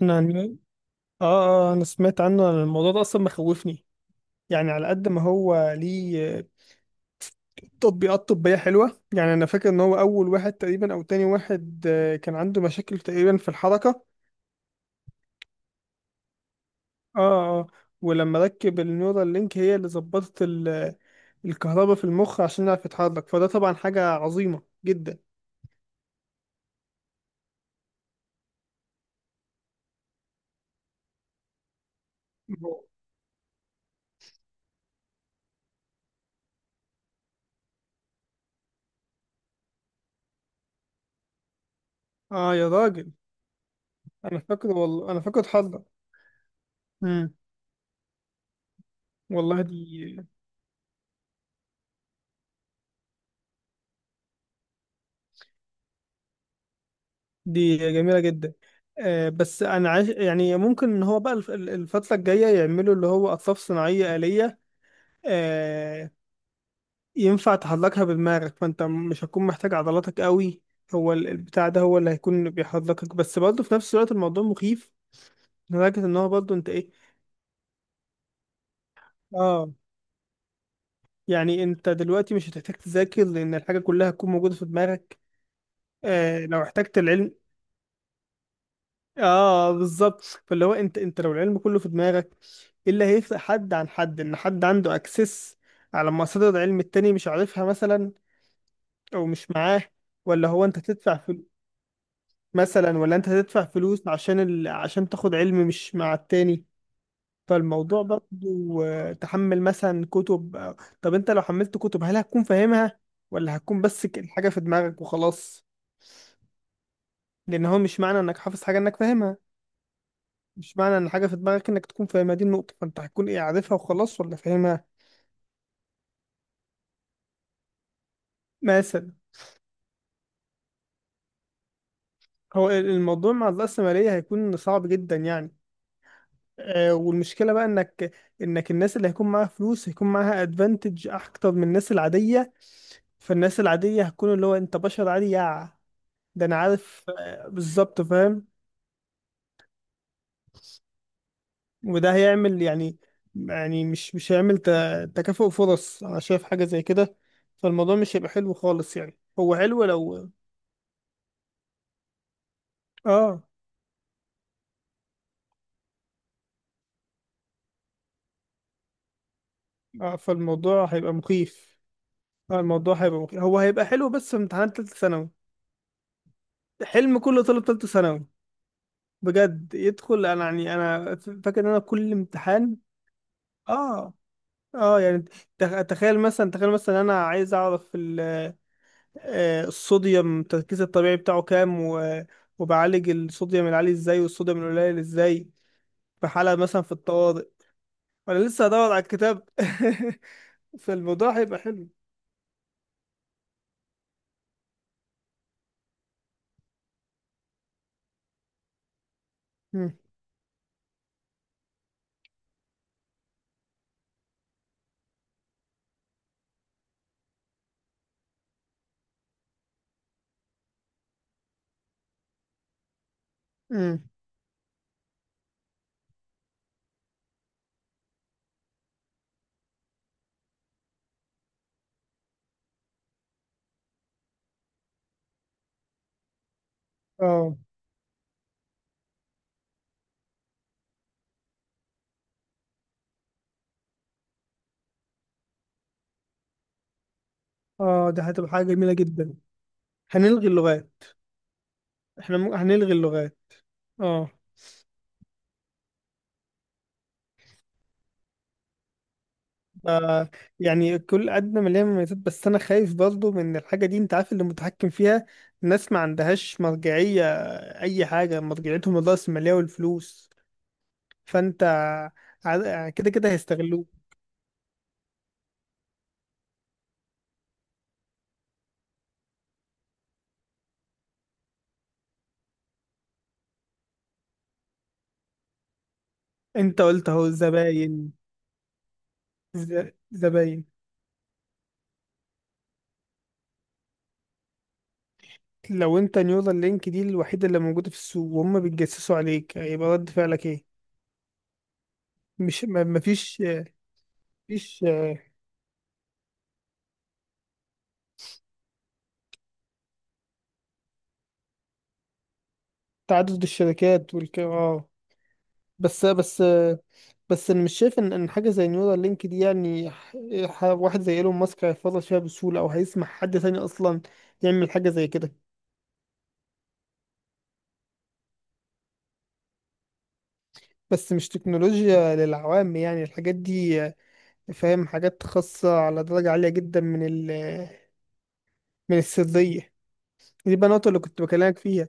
يعني، اه، انا سمعت عنه. أنا الموضوع ده اصلا مخوفني، يعني على قد ما هو ليه تطبيقات طبية حلوة. يعني انا فاكر ان هو اول واحد تقريبا او تاني واحد، كان عنده مشاكل تقريبا في الحركة. اه، اه. ولما ركب النيورال لينك هي اللي ظبطت الكهرباء في المخ عشان يعرف يتحرك، فده طبعا حاجة عظيمة جدا. اه يا راجل، انا فاكره والله، انا فاكره اتحرك. امم والله دي، جميلة جدا. بس أنا عايز يعني، ممكن إن هو بقى الفترة الجاية يعملوا اللي هو أطراف صناعية آلية. آه، ينفع تحركها بدماغك، فأنت مش هتكون محتاج عضلاتك قوي. هو البتاع ده هو اللي هيكون بيحركك، بس برضه في نفس الوقت الموضوع مخيف لدرجة إن هو برضه أنت إيه. آه. يعني أنت دلوقتي مش هتحتاج تذاكر، لأن الحاجة كلها هتكون موجودة في دماغك. لو احتجت العلم، اه بالظبط. فاللي هو انت، انت لو العلم كله في دماغك، ايه اللي هيفرق حد عن حد؟ ان حد عنده اكسس على مصادر علم التاني مش عارفها مثلا، او مش معاه. ولا هو انت تدفع فلوس مثلا، ولا انت تدفع فلوس عشان عشان تاخد علم مش مع التاني. فالموضوع برضه، تحمل مثلا كتب، طب انت لو حملت كتب هل هتكون فاهمها؟ ولا هتكون بس الحاجة في دماغك وخلاص. لان هو مش معنى انك حافظ حاجة انك فاهمها، مش معنى ان حاجه في دماغك انك تكون فاهمها. دي النقطه، فانت هتكون ايه؟ عارفها وخلاص ولا فاهمها؟ مثلا. هو الموضوع مع الرأسمالية هيكون صعب جدا يعني. والمشكله بقى انك الناس اللي هيكون معاها فلوس هيكون معاها ادفانتج اكتر من الناس العاديه. فالناس العاديه هتكون اللي هو انت بشر عادي يا. ده انا عارف، آه بالظبط فاهم. وده هيعمل يعني، يعني مش هيعمل تكافؤ فرص. انا شايف حاجه زي كده، فالموضوع مش هيبقى حلو خالص يعني، هو حلو لو. اه، اه. فالموضوع هيبقى مخيف. اه الموضوع هيبقى مخيف، هو هيبقى حلو بس في امتحانات تالتة ثانوي. حلم كل طالب تالتة ثانوي بجد يدخل. انا يعني، انا فاكر ان انا كل امتحان. اه، اه. يعني تخيل مثلا انا عايز اعرف الصوديوم. التركيز الطبيعي بتاعه كام، وبعالج الصوديوم العالي ازاي والصوديوم القليل ازاي، في حالة مثلا في الطوارئ. وانا لسه هدور على الكتاب فالموضوع هيبقى حلو. مم. مم. اه، اه ده هتبقى حاجة جميلة جدا. هنلغي اللغات، احنا هنلغي اللغات. اه. آه، يعني كل قد ما ليها مميزات، بس انا خايف برضو من الحاجة دي. انت عارف اللي متحكم فيها، الناس ما عندهاش مرجعية، اي حاجة مرجعيتهم الرأسمالية والفلوس. فانت كده كده هيستغلوه. انت قلت اهو، زباين، زباين. لو انت نيورال لينك دي الوحيدة اللي موجودة في السوق وهم بيتجسسوا عليك، هيبقى رد فعلك ايه؟ مش مفيش، مفيش. تعدد الشركات والك اه. بس بس بس انا مش شايف ان حاجه زي نيورال لينك دي يعني، واحد زي ايلون ماسك هيفرط فيها بسهوله او هيسمح حد تاني اصلا يعمل حاجه زي كده. بس مش تكنولوجيا للعوام يعني، الحاجات دي، فاهم، حاجات خاصه على درجه عاليه جدا من ال، من السريه. دي بقى النقطه اللي كنت بكلمك فيها.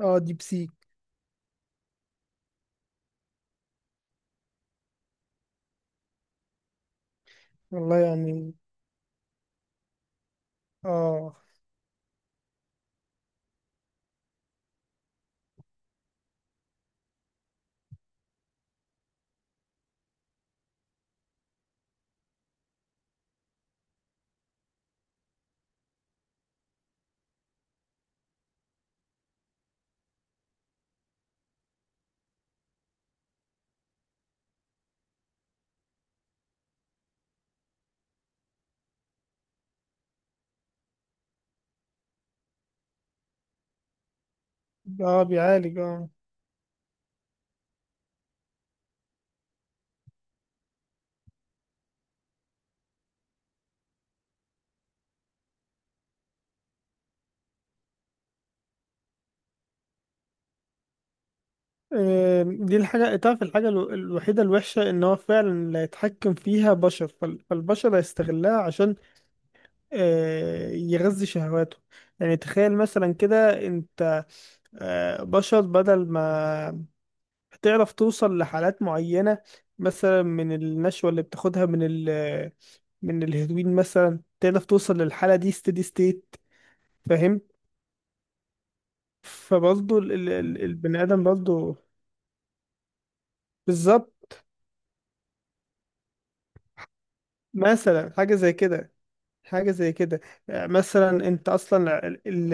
اه، ديب سيك. والله يعني، اه، اه بيعالج اه. دي الحاجة، تعرف الحاجة الوحيدة الوحشة إن هو فعلا اللي هيتحكم فيها بشر. فالبشر هيستغلها عشان يغذي شهواته. يعني تخيل مثلا كده أنت، بشر، بدل ما هتعرف توصل لحالات معينة مثلا من النشوة اللي بتاخدها من ال، من الهيروين مثلا، تعرف توصل للحالة دي ستيدي ستيت، فاهم. فبرضه البني آدم برضه. بالظبط، مثلا حاجة زي كده، حاجة زي كده. مثلا انت اصلا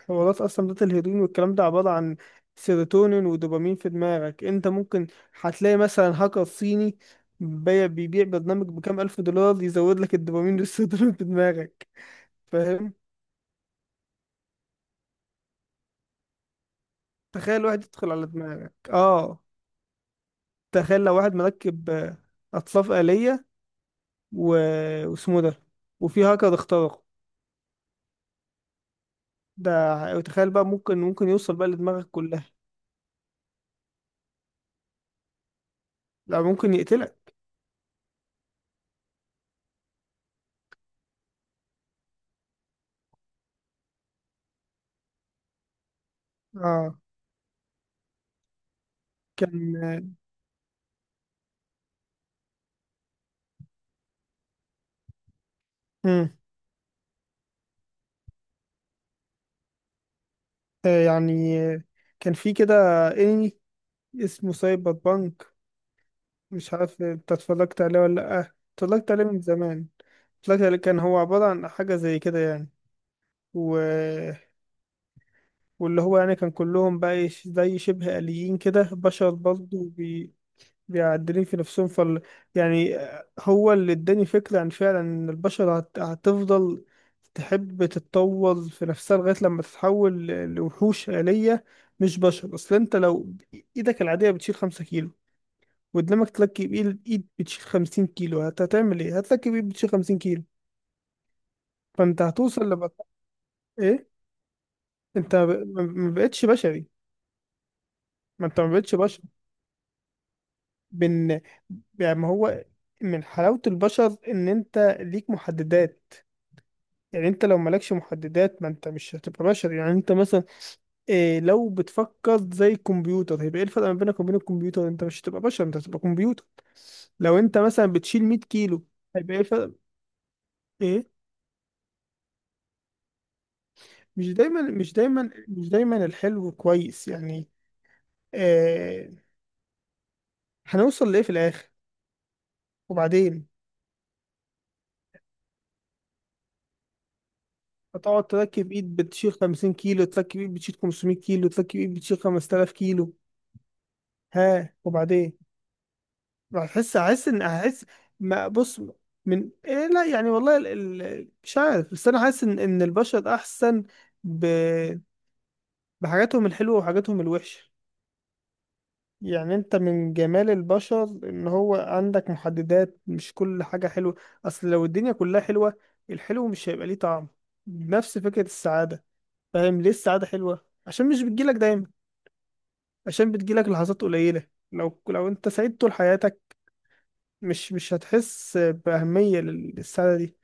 الحوارات اصلا بتاعت الهيروين والكلام ده عبارة عن سيروتونين ودوبامين في دماغك. انت ممكن هتلاقي مثلا هاكر صيني بيبيع برنامج بكام الف دولار، يزود لك الدوبامين والسيروتونين في دماغك. فاهم، تخيل واحد يدخل على دماغك، اه. تخيل لو واحد مركب اطراف آلية، و... واسمه ده، وفي هاكر اخترقه، ده تخيل بقى، ممكن، ممكن يوصل بقى لدماغك كلها. لا، ممكن يقتلك. اه كان. مم. آه، يعني آه، كان في كده انمي اسمه سايبر بانك. مش عارف انت اتفرجت عليه ولا لأ، اتفرجت عليه من زمان. اتفرجت عليه، كان هو عبارة عن حاجة زي كده يعني، و... واللي هو يعني كان كلهم بقى إيه، زي شبه آليين كده، بشر برضه، بيعدلين في نفسهم. فال، يعني هو اللي اداني فكرة عن فعلا ان البشر هتفضل تحب تتطور في نفسها لغاية لما تتحول لوحوش آلية مش بشر. اصل انت لو ايدك العادية بتشيل 5 كيلو، وقدامك تركب ايد، بتشيل 50 كيلو، هتعمل ايه؟ هتركب ايد بتشيل 50 كيلو. فانت هتوصل لما ايه؟ انت ما بقتش بشري، ما انت ما بقتش بشر. بن يعني ما هو من حلاوة البشر ان انت ليك محددات. يعني انت لو مالكش محددات ما انت مش هتبقى بشر، يعني انت مثلا إيه، لو بتفكر زي الكمبيوتر هيبقى ايه الفرق ما بينك وبين الكمبيوتر؟ انت مش هتبقى بشر، انت هتبقى كمبيوتر. لو انت مثلا بتشيل 100 كيلو، هيبقى ايه الفرق؟ ايه، مش دايما، مش دايما، مش دايما الحلو كويس يعني. آه هنوصل لايه في الاخر؟ وبعدين، هتقعد تركب ايد بتشيل 50 كيلو، تركب ايد بتشيل 500 كيلو، تركب ايد بتشيل 5000 كيلو، ها وبعدين؟ هحس. ما بص، من إيه، لا يعني والله مش عارف، بس انا حاسس ان البشر احسن ب... بحاجاتهم الحلوه وحاجاتهم الوحشه. يعني انت من جمال البشر ان هو عندك محددات، مش كل حاجه حلوه. اصل لو الدنيا كلها حلوه، الحلو مش هيبقى ليه طعم. نفس فكره السعاده، فاهم ليه السعاده حلوه؟ عشان مش بتجيلك دايما، عشان بتجيلك لحظات قليله. لو انت سعيد طول حياتك، مش هتحس بأهمية للسعادة دي.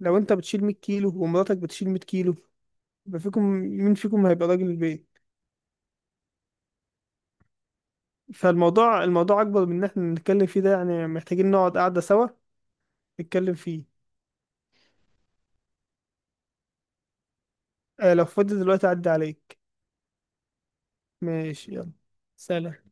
لو انت بتشيل 100 كيلو ومراتك بتشيل 100 كيلو، يبقى فيكم مين فيكم هيبقى راجل البيت؟ فالموضوع، الموضوع اكبر من ان احنا نتكلم فيه ده يعني، محتاجين نقعد قعدة سوا نتكلم فيه. آه لو فاضي دلوقتي اعدي عليك. ماشي، يلا، سلام.